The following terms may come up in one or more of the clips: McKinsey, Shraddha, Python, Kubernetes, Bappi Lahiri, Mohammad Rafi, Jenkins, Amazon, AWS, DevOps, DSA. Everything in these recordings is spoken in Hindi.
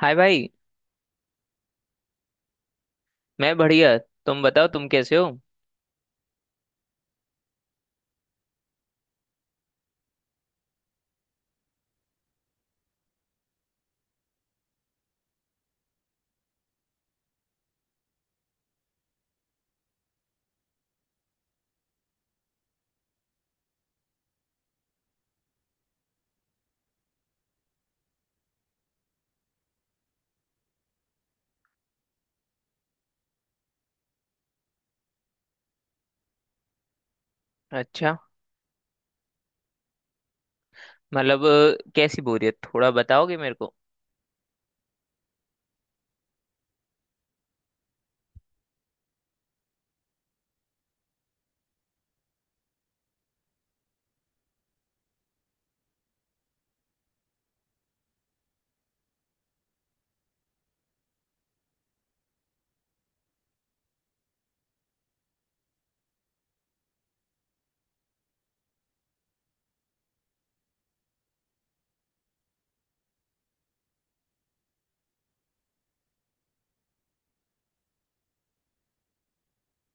हाय भाई। मैं बढ़िया, तुम बताओ तुम कैसे हो? अच्छा। मतलब कैसी बोरियत थोड़ा बताओगे मेरे को?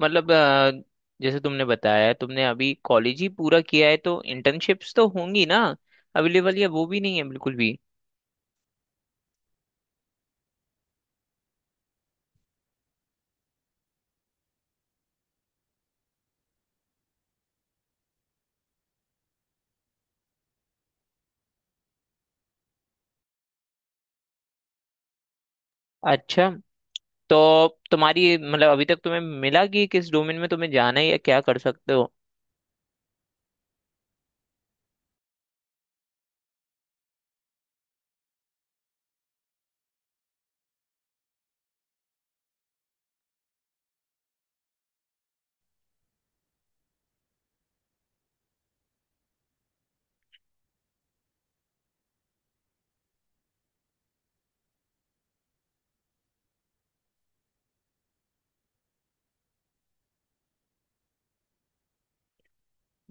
मतलब जैसे तुमने बताया, तुमने अभी कॉलेज ही पूरा किया है तो इंटर्नशिप्स तो होंगी ना, अवेलेबल, या वो भी नहीं है बिल्कुल भी? अच्छा। तो तुम्हारी मतलब अभी तक तुम्हें मिला कि किस डोमेन में तुम्हें जाना है या क्या कर सकते हो?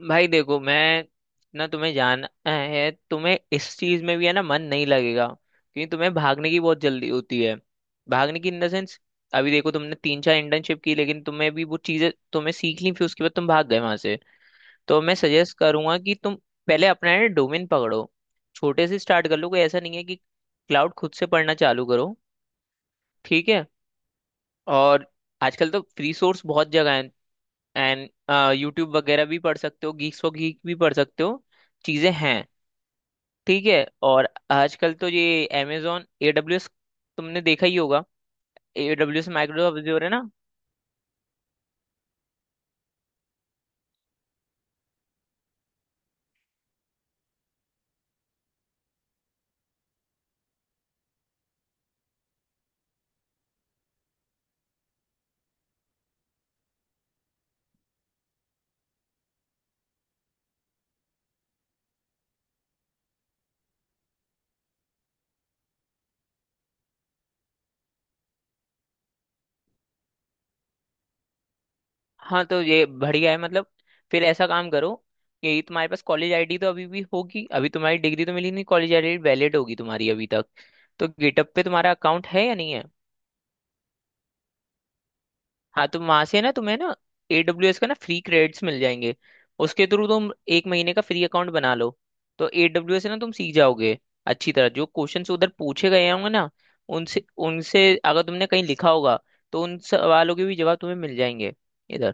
भाई देखो, मैं ना, तुम्हें जाना है तुम्हें इस चीज में भी है ना, मन नहीं लगेगा क्योंकि तुम्हें भागने की बहुत जल्दी होती है। भागने की इन द सेंस, अभी देखो तुमने तीन चार इंटर्नशिप की, लेकिन तुम्हें भी वो चीजें तुम्हें सीख ली फिर उसके बाद तुम भाग गए वहां से। तो मैं सजेस्ट करूंगा कि तुम पहले अपना है डोमेन पकड़ो, छोटे से स्टार्ट कर लो। कोई ऐसा नहीं है कि क्लाउड खुद से पढ़ना चालू करो, ठीक है? और आजकल तो फ्री सोर्स बहुत जगह है, एंड यूट्यूब वगैरह भी पढ़ सकते हो, गीक्स फॉर गीक भी पढ़ सकते हो, चीजें हैं। ठीक है, और आजकल तो ये अमेजोन एडब्ल्यूएस, तुमने देखा ही होगा, एडब्ल्यूएस माइक्रोसॉफ्ट अज़ूर है ना? हाँ तो ये बढ़िया है मतलब, फिर ऐसा काम करो कि तुम्हारे पास कॉलेज आईडी तो अभी भी होगी, अभी तुम्हारी डिग्री तो मिली नहीं, कॉलेज आईडी वैलिड होगी तुम्हारी अभी तक। तो गेटअप पे तुम्हारा अकाउंट है या नहीं है? हाँ तो वहां से ना तुम्हें ना AWS एस का ना फ्री क्रेडिट्स मिल जाएंगे, उसके थ्रू तुम एक महीने का फ्री अकाउंट बना लो। तो AWS से ना तुम सीख जाओगे अच्छी तरह, जो क्वेश्चंस उधर पूछे गए होंगे ना, उनसे उनसे अगर तुमने कहीं लिखा होगा तो उन सवालों के भी जवाब तुम्हें मिल जाएंगे इधर।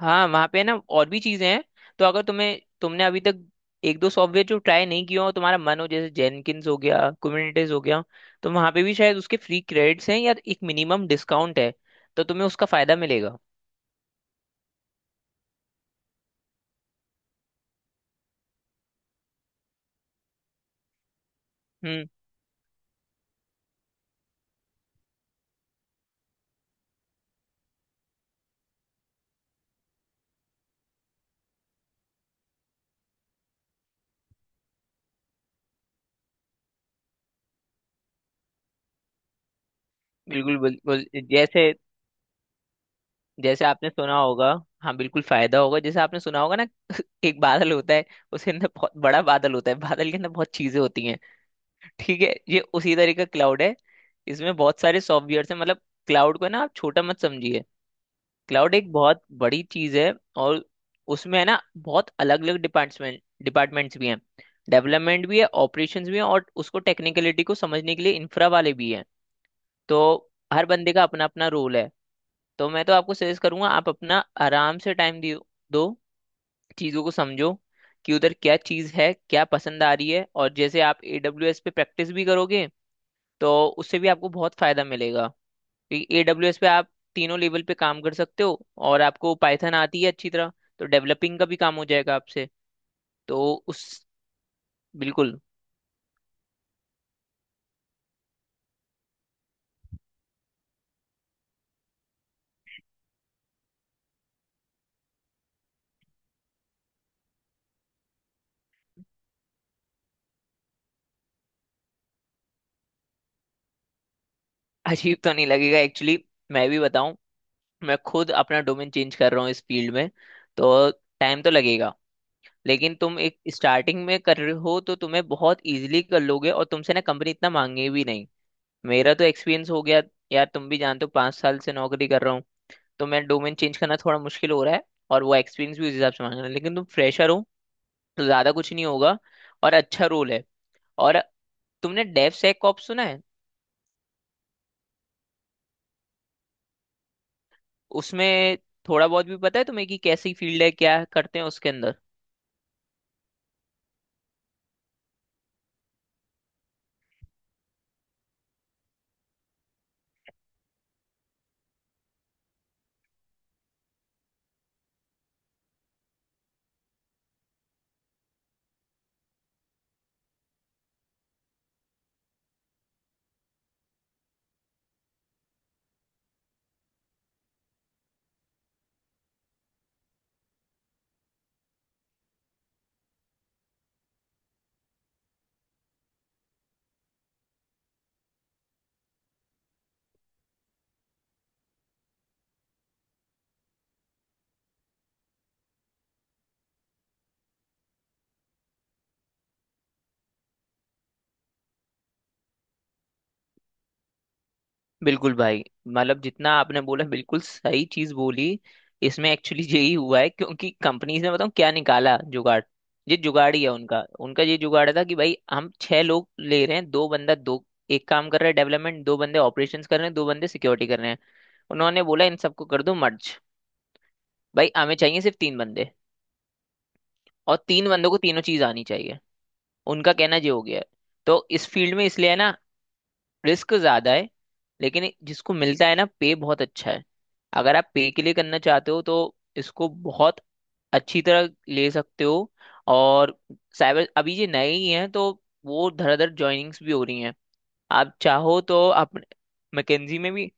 हाँ वहाँ पे ना और भी चीजें हैं, तो अगर तुम्हें तुमने अभी तक एक दो सॉफ्टवेयर जो ट्राई नहीं किया हो तुम्हारा मन हो, जैसे जेनकिन्स हो गया, कुबरनेटिस हो गया, तो वहाँ पे भी शायद उसके फ्री क्रेडिट्स हैं या एक मिनिमम डिस्काउंट है, तो तुम्हें उसका फायदा मिलेगा। हम्म। बिल्कुल, जैसे जैसे आपने सुना होगा, हाँ बिल्कुल फायदा होगा। जैसे आपने सुना होगा ना एक बादल होता है, उसके अंदर बहुत बड़ा बादल होता है, बादल के अंदर बहुत चीजें होती हैं। ठीक है, ये उसी तरह का क्लाउड है। इसमें बहुत सारे सॉफ्टवेयर हैं, मतलब क्लाउड को ना आप छोटा मत समझिए। क्लाउड एक बहुत बड़ी चीज है, और उसमें है ना, बहुत अलग अलग डिपार्टमेंट्स भी हैं। डेवलपमेंट भी है, ऑपरेशंस भी है, और उसको टेक्निकलिटी को समझने के लिए इंफ्रा वाले भी हैं। तो हर बंदे का अपना अपना रोल है। तो मैं तो आपको सजेस्ट करूंगा, आप अपना आराम से टाइम दियो, दो चीज़ों को समझो कि उधर क्या चीज़ है, क्या पसंद आ रही है, और जैसे आप AWS पे प्रैक्टिस भी करोगे तो उससे भी आपको बहुत फायदा मिलेगा। एडब्ल्यूएस पे आप तीनों लेवल पे काम कर सकते हो, और आपको पाइथन आती है अच्छी तरह, तो डेवलपिंग का भी काम हो जाएगा आपसे। तो उस, बिल्कुल अजीब तो नहीं लगेगा एक्चुअली, मैं भी बताऊं, मैं खुद अपना डोमेन चेंज कर रहा हूँ इस फील्ड में, तो टाइम तो लगेगा, लेकिन तुम एक स्टार्टिंग में कर रहे हो तो तुम्हें बहुत इजीली कर लोगे, और तुमसे ना कंपनी इतना मांगे भी नहीं। मेरा तो एक्सपीरियंस हो गया, यार तुम भी जानते हो पाँच साल से नौकरी कर रहा हूँ, तो मैं डोमेन चेंज करना थोड़ा मुश्किल हो रहा है, और वो एक्सपीरियंस भी उस हिसाब से मांग रहा है, लेकिन तुम फ्रेशर हो तो ज्यादा कुछ नहीं होगा, और अच्छा रोल है। और तुमने डेव सेक कॉप्स सुना है? उसमें थोड़ा बहुत भी पता है तुम्हें कि कैसी फील्ड है, क्या करते हैं उसके अंदर? बिल्कुल भाई, मतलब जितना आपने बोला बिल्कुल सही चीज बोली। इसमें एक्चुअली यही हुआ है, क्योंकि कंपनीज ने, बताऊं क्या निकाला जुगाड़, ये जुगाड़ ही है उनका उनका ये जुगाड़ था कि भाई हम छह लोग ले रहे हैं, दो बंदा दो, एक काम कर रहा है डेवलपमेंट, दो बंदे ऑपरेशंस कर रहे हैं, दो बंदे सिक्योरिटी कर रहे हैं। उन्होंने बोला इन सबको कर दो मर्ज, भाई हमें चाहिए सिर्फ तीन बंदे, और तीन बंदों को तीनों चीज आनी चाहिए। उनका कहना ये हो गया है। तो इस फील्ड में इसलिए है ना, रिस्क ज्यादा है, लेकिन जिसको मिलता है ना पे बहुत अच्छा है। अगर आप पे के लिए करना चाहते हो तो इसको बहुत अच्छी तरह ले सकते हो। और साइबर अभी ये नए ही हैं तो वो धड़ाधड़ ज्वाइनिंग्स भी हो रही हैं। आप चाहो तो आप मैकेंजी में भी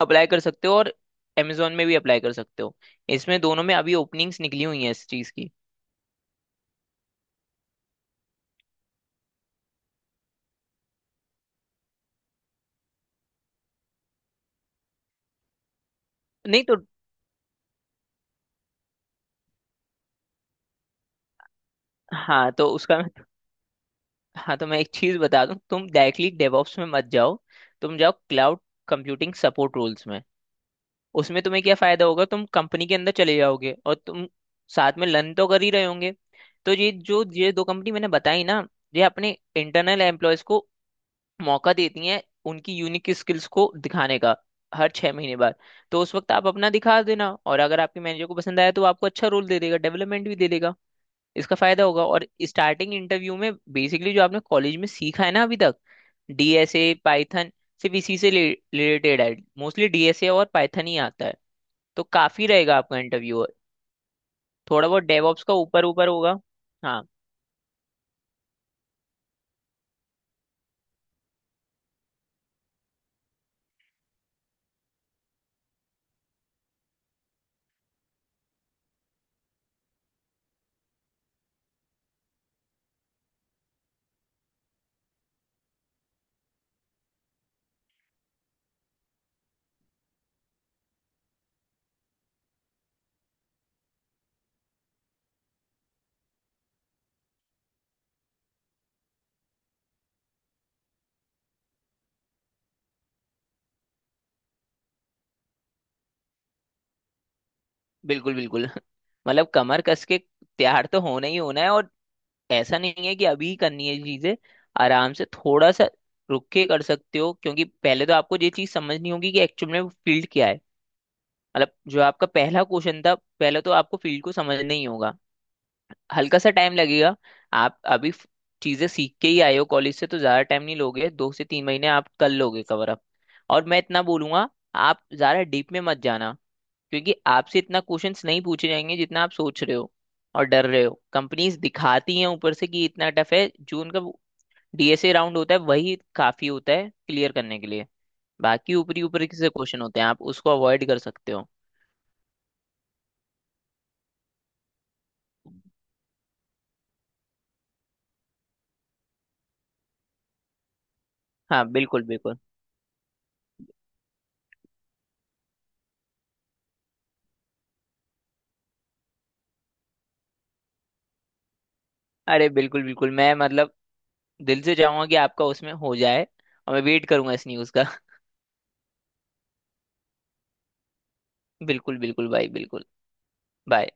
अप्लाई कर सकते हो और Amazon में भी अप्लाई कर सकते हो। इसमें दोनों में अभी ओपनिंग्स निकली हुई हैं इस चीज़ की। नहीं तो, हाँ तो उसका, हाँ तो मैं एक चीज बता दूं, तुम डायरेक्टली डेवऑप्स में मत जाओ। तुम जाओ क्लाउड कंप्यूटिंग सपोर्ट रोल्स में। उसमें तुम्हें क्या फायदा होगा, तुम कंपनी के अंदर चले जाओगे और तुम साथ में लर्न तो कर ही रहे होंगे। तो ये जो ये दो कंपनी मैंने बताई ना, ये अपने इंटरनल एम्प्लॉयज को मौका देती हैं उनकी यूनिक स्किल्स को दिखाने का, हर छह महीने बाद। तो उस वक्त आप अपना दिखा देना, और अगर आपके मैनेजर को पसंद आया तो वो आपको अच्छा रोल दे देगा, डेवलपमेंट भी दे देगा। इसका फायदा होगा, और स्टार्टिंग इंटरव्यू में बेसिकली जो आपने कॉलेज में सीखा है ना अभी तक, डीएसए पाइथन, सिर्फ इसी से रिलेटेड है। मोस्टली डीएसए और पाइथन ही आता है, तो काफी रहेगा आपका इंटरव्यू, थोड़ा बहुत डेवऑप्स का ऊपर ऊपर होगा। हाँ बिल्कुल बिल्कुल मतलब कमर कस के तैयार तो होना ही होना है। और ऐसा नहीं है कि अभी ही करनी है चीजें, आराम से थोड़ा सा रुक के कर सकते हो, क्योंकि पहले तो आपको ये चीज समझनी होगी कि एक्चुअल में वो फील्ड क्या है, मतलब जो आपका पहला क्वेश्चन था, पहले तो आपको फील्ड को समझना ही होगा। हल्का सा टाइम लगेगा, आप अभी चीजें सीख के ही आए हो कॉलेज से, तो ज्यादा टाइम नहीं लोगे, दो से तीन महीने आप कर लोगे कवर अप। और मैं इतना बोलूंगा, आप ज्यादा डीप में मत जाना, क्योंकि आपसे इतना क्वेश्चंस नहीं पूछे जाएंगे जितना आप सोच रहे हो और डर रहे हो। कंपनीज दिखाती हैं ऊपर से कि इतना टफ है, जो उनका डीएसए राउंड होता है वही काफी होता है क्लियर करने के लिए, बाकी ऊपरी ऊपरी से क्वेश्चन होते हैं आप उसको अवॉइड कर सकते हो। हाँ बिल्कुल बिल्कुल। अरे बिल्कुल बिल्कुल, मैं मतलब दिल से चाहूंगा कि आपका उसमें हो जाए, और मैं वेट करूंगा इस न्यूज़ का बिल्कुल बिल्कुल भाई, बिल्कुल। बाय।